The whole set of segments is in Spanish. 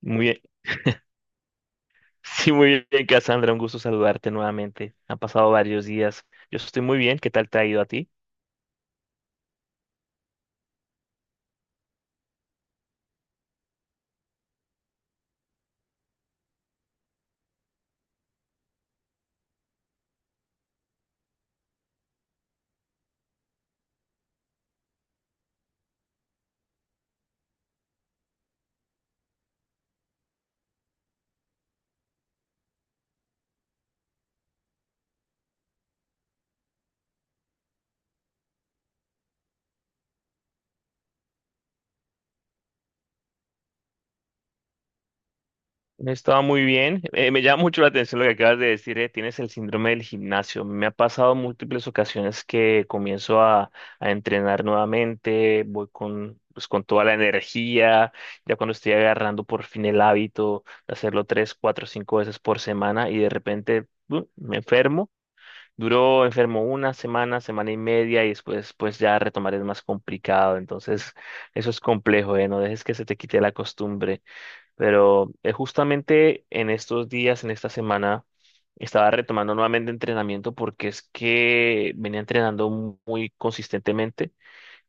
Muy bien. Sí, muy bien, Cassandra. Un gusto saludarte nuevamente. Han pasado varios días. Yo estoy muy bien. ¿Qué tal te ha ido a ti? He estado muy bien. Me llama mucho la atención lo que acabas de decir. Tienes el síndrome del gimnasio. Me ha pasado múltiples ocasiones que comienzo a entrenar nuevamente. Voy con, pues, con toda la energía. Ya cuando estoy agarrando por fin el hábito de hacerlo tres, cuatro, cinco veces por semana y de repente me enfermo. Duró enfermo una semana, semana y media y después pues ya retomar es más complicado. Entonces eso es complejo, ¿eh? No dejes que se te quite la costumbre. Pero justamente en estos días, en esta semana, estaba retomando nuevamente entrenamiento porque es que venía entrenando muy consistentemente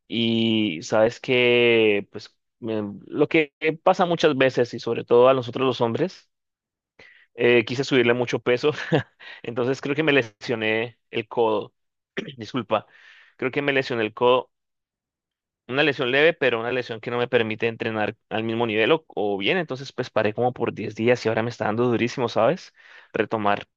y sabes que pues lo que pasa muchas veces y sobre todo a nosotros los hombres, quise subirle mucho peso. Entonces creo que me lesioné el codo. Disculpa, creo que me lesioné el codo, una lesión leve, pero una lesión que no me permite entrenar al mismo nivel o, bien, entonces pues paré como por 10 días y ahora me está dando durísimo, ¿sabes? Retomar.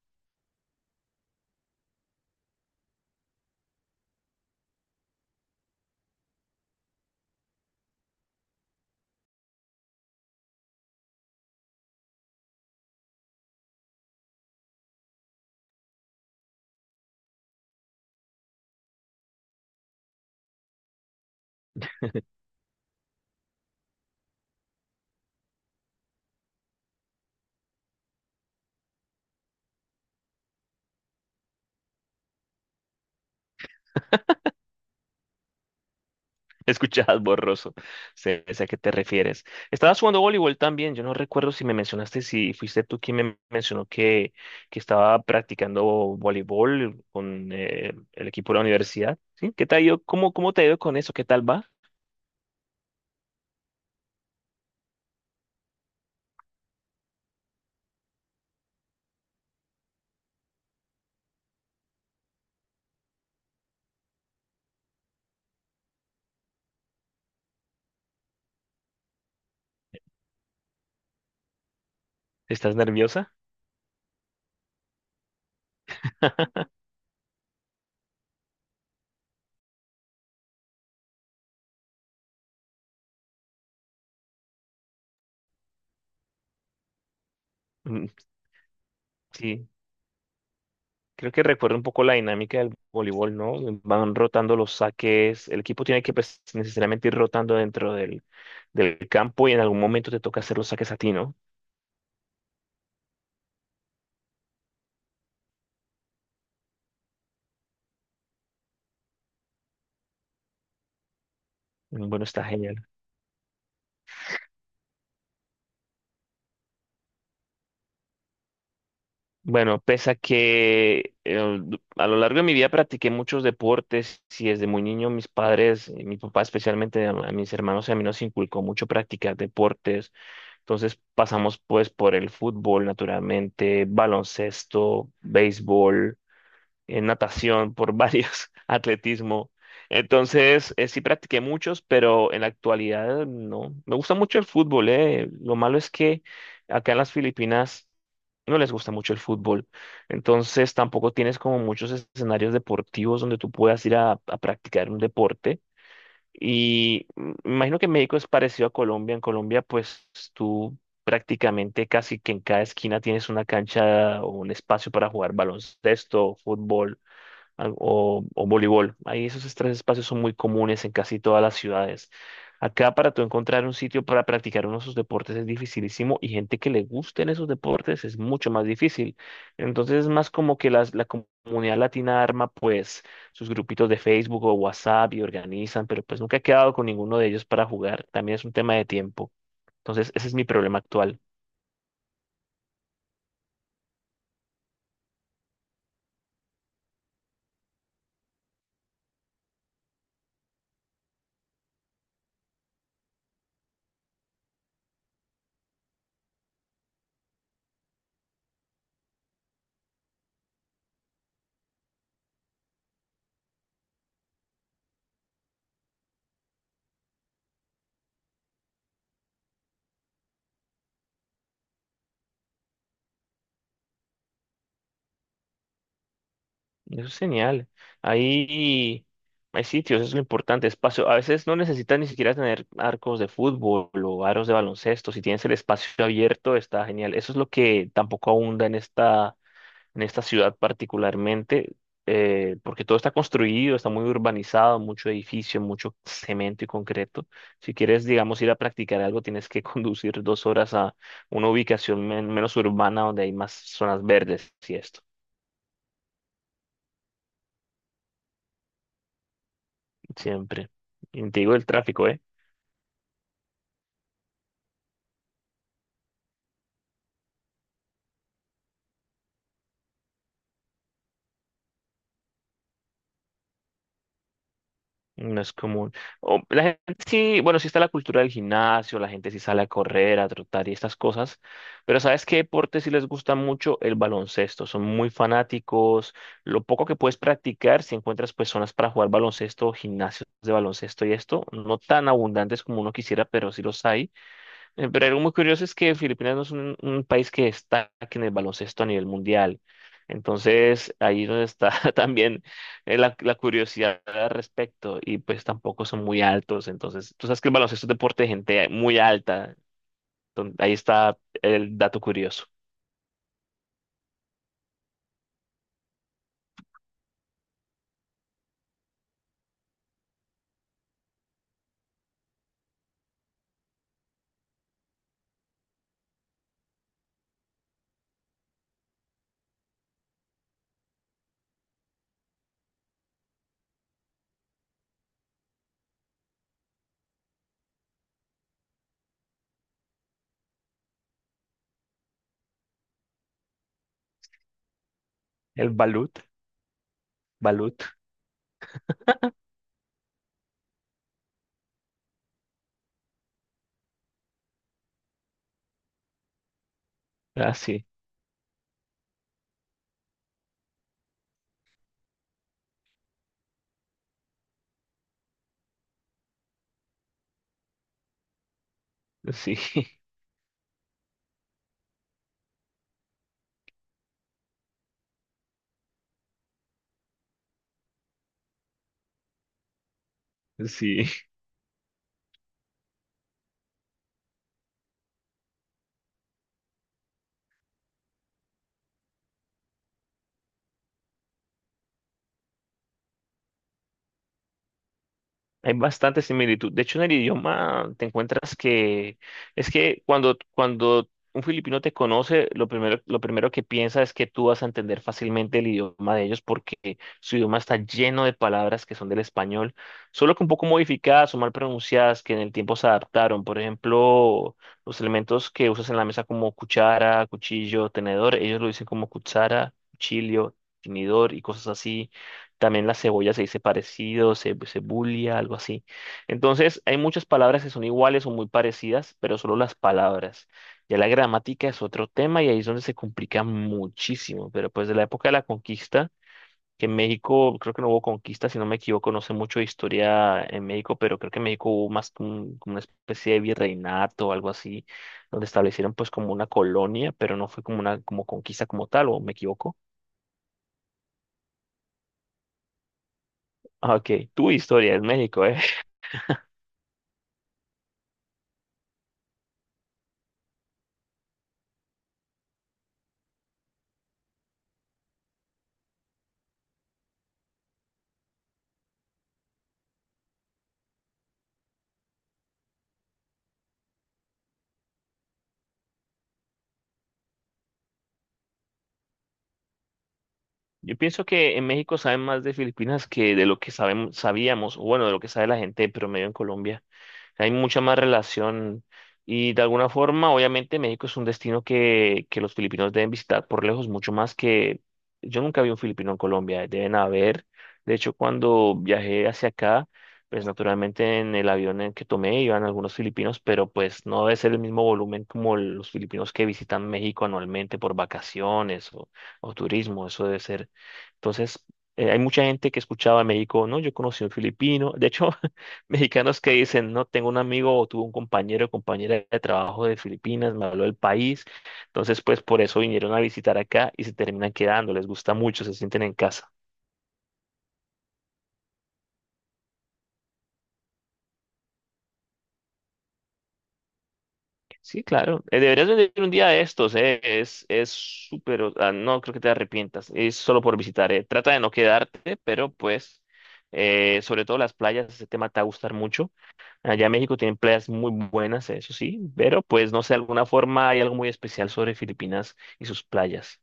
Escuchabas borroso, sé a qué te refieres. Estabas jugando voleibol también, yo no recuerdo si me mencionaste, si fuiste tú quien me mencionó que estaba practicando voleibol con el equipo de la universidad, ¿sí? ¿Qué te ha ido? ¿Cómo te ha ido con eso? ¿Qué tal va? ¿Estás nerviosa? Mm, sí. Creo que recuerda un poco la dinámica del voleibol, ¿no? Van rotando los saques, el equipo tiene que pues, necesariamente ir rotando dentro del, campo y en algún momento te toca hacer los saques a ti, ¿no? Bueno, está genial. Bueno, pese a que a lo largo de mi vida practiqué muchos deportes y desde muy niño mis padres, mi papá especialmente, a mis hermanos y a mí nos inculcó mucho practicar deportes. Entonces pasamos pues por el fútbol, naturalmente, baloncesto, béisbol en natación, por varios, atletismo. Entonces, sí practiqué muchos, pero en la actualidad no. Me gusta mucho el fútbol. Lo malo es que acá en las Filipinas no les gusta mucho el fútbol. Entonces, tampoco tienes como muchos escenarios deportivos donde tú puedas ir a, practicar un deporte. Y me imagino que México es parecido a Colombia. En Colombia, pues tú prácticamente casi que en cada esquina tienes una cancha o un espacio para jugar baloncesto, fútbol o voleibol. Ahí esos tres espacios son muy comunes en casi todas las ciudades. Acá para tú encontrar un sitio para practicar uno de esos deportes es dificilísimo y gente que le gusten esos deportes es mucho más difícil. Entonces es más como que la comunidad latina arma pues sus grupitos de Facebook o WhatsApp y organizan, pero pues nunca he quedado con ninguno de ellos para jugar. También es un tema de tiempo. Entonces ese es mi problema actual. Eso es genial. Ahí hay sitios, eso es lo importante, espacio. A veces no necesitas ni siquiera tener arcos de fútbol o aros de baloncesto. Si tienes el espacio abierto, está genial. Eso es lo que tampoco abunda en esta ciudad particularmente, porque todo está construido, está muy urbanizado, mucho edificio, mucho cemento y concreto. Si quieres, digamos, ir a practicar algo, tienes que conducir 2 horas a una ubicación menos urbana donde hay más zonas verdes y esto. Siempre. Y te digo el tráfico, ¿eh? No es común. O la gente sí, bueno, sí está la cultura del gimnasio, la gente sí sale a correr, a trotar y estas cosas, pero ¿sabes qué deporte sí les gusta mucho? El baloncesto, son muy fanáticos. Lo poco que puedes practicar, si encuentras personas para jugar baloncesto, gimnasios de baloncesto y esto, no tan abundantes como uno quisiera, pero sí los hay. Pero algo muy curioso es que Filipinas no es un país que destaque en el baloncesto a nivel mundial. Entonces, ahí es donde está también la curiosidad al respecto. Y pues tampoco son muy altos. Entonces, tú sabes que el baloncesto es deporte de gente muy alta. Entonces, ahí está el dato curioso. El balut, balut. Ah, sí, sí, sí. Hay bastante similitud. De hecho, en el idioma te encuentras que es que cuando un filipino te conoce, lo primero que piensa es que tú vas a entender fácilmente el idioma de ellos porque su idioma está lleno de palabras que son del español, solo que un poco modificadas o mal pronunciadas que en el tiempo se adaptaron. Por ejemplo, los elementos que usas en la mesa como cuchara, cuchillo, tenedor, ellos lo dicen como cuchara, cuchillo, tenedor y cosas así. También la cebolla se dice parecido, cebulia, algo así. Entonces, hay muchas palabras que son iguales o muy parecidas, pero solo las palabras. Ya la gramática es otro tema y ahí es donde se complica muchísimo. Pero pues de la época de la conquista, que en México creo que no hubo conquista, si no me equivoco, no sé mucho de historia en México, pero creo que en México hubo más como como una especie de virreinato o algo así, donde establecieron pues como una colonia, pero no fue como una como conquista como tal, o me equivoco. Ah, OK, tu historia es México, ¿eh? Yo pienso que en México saben más de Filipinas que de lo que sabemos, sabíamos, o bueno, de lo que sabe la gente de promedio en Colombia. Hay mucha más relación y de alguna forma, obviamente, México es un destino que, los filipinos deben visitar por lejos, mucho más que yo nunca vi un filipino en Colombia, deben haber. De hecho, cuando viajé hacia acá, pues naturalmente en el avión en que tomé iban algunos filipinos, pero pues no debe ser el mismo volumen como los filipinos que visitan México anualmente por vacaciones o turismo, eso debe ser entonces, hay mucha gente que escuchaba en México, no, yo conocí a un filipino. De hecho, mexicanos que dicen, no, tengo un amigo o tuve un compañero o compañera de trabajo de Filipinas, me habló del país. Entonces, pues por eso vinieron a visitar acá y se terminan quedando, les gusta mucho, se sienten en casa. Sí, claro. Deberías venir un día de estos, es súper, o sea, no creo que te arrepientas, es solo por visitar. Trata de no quedarte, pero pues, sobre todo las playas, ese tema te va a gustar mucho. Allá en México tienen playas muy buenas, eso sí, pero pues no sé, de alguna forma hay algo muy especial sobre Filipinas y sus playas.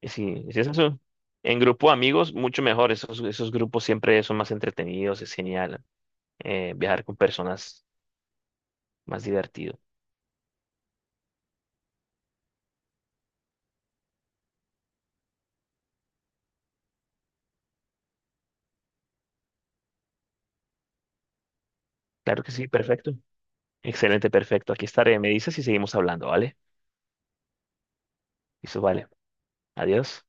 Y sí, es eso. En grupo de amigos, mucho mejor. Esos, esos grupos siempre son más entretenidos, es genial. Viajar con personas más divertido. Claro que sí, perfecto. Excelente, perfecto. Aquí estaré. Me dices y seguimos hablando, ¿vale? Eso vale. Adiós.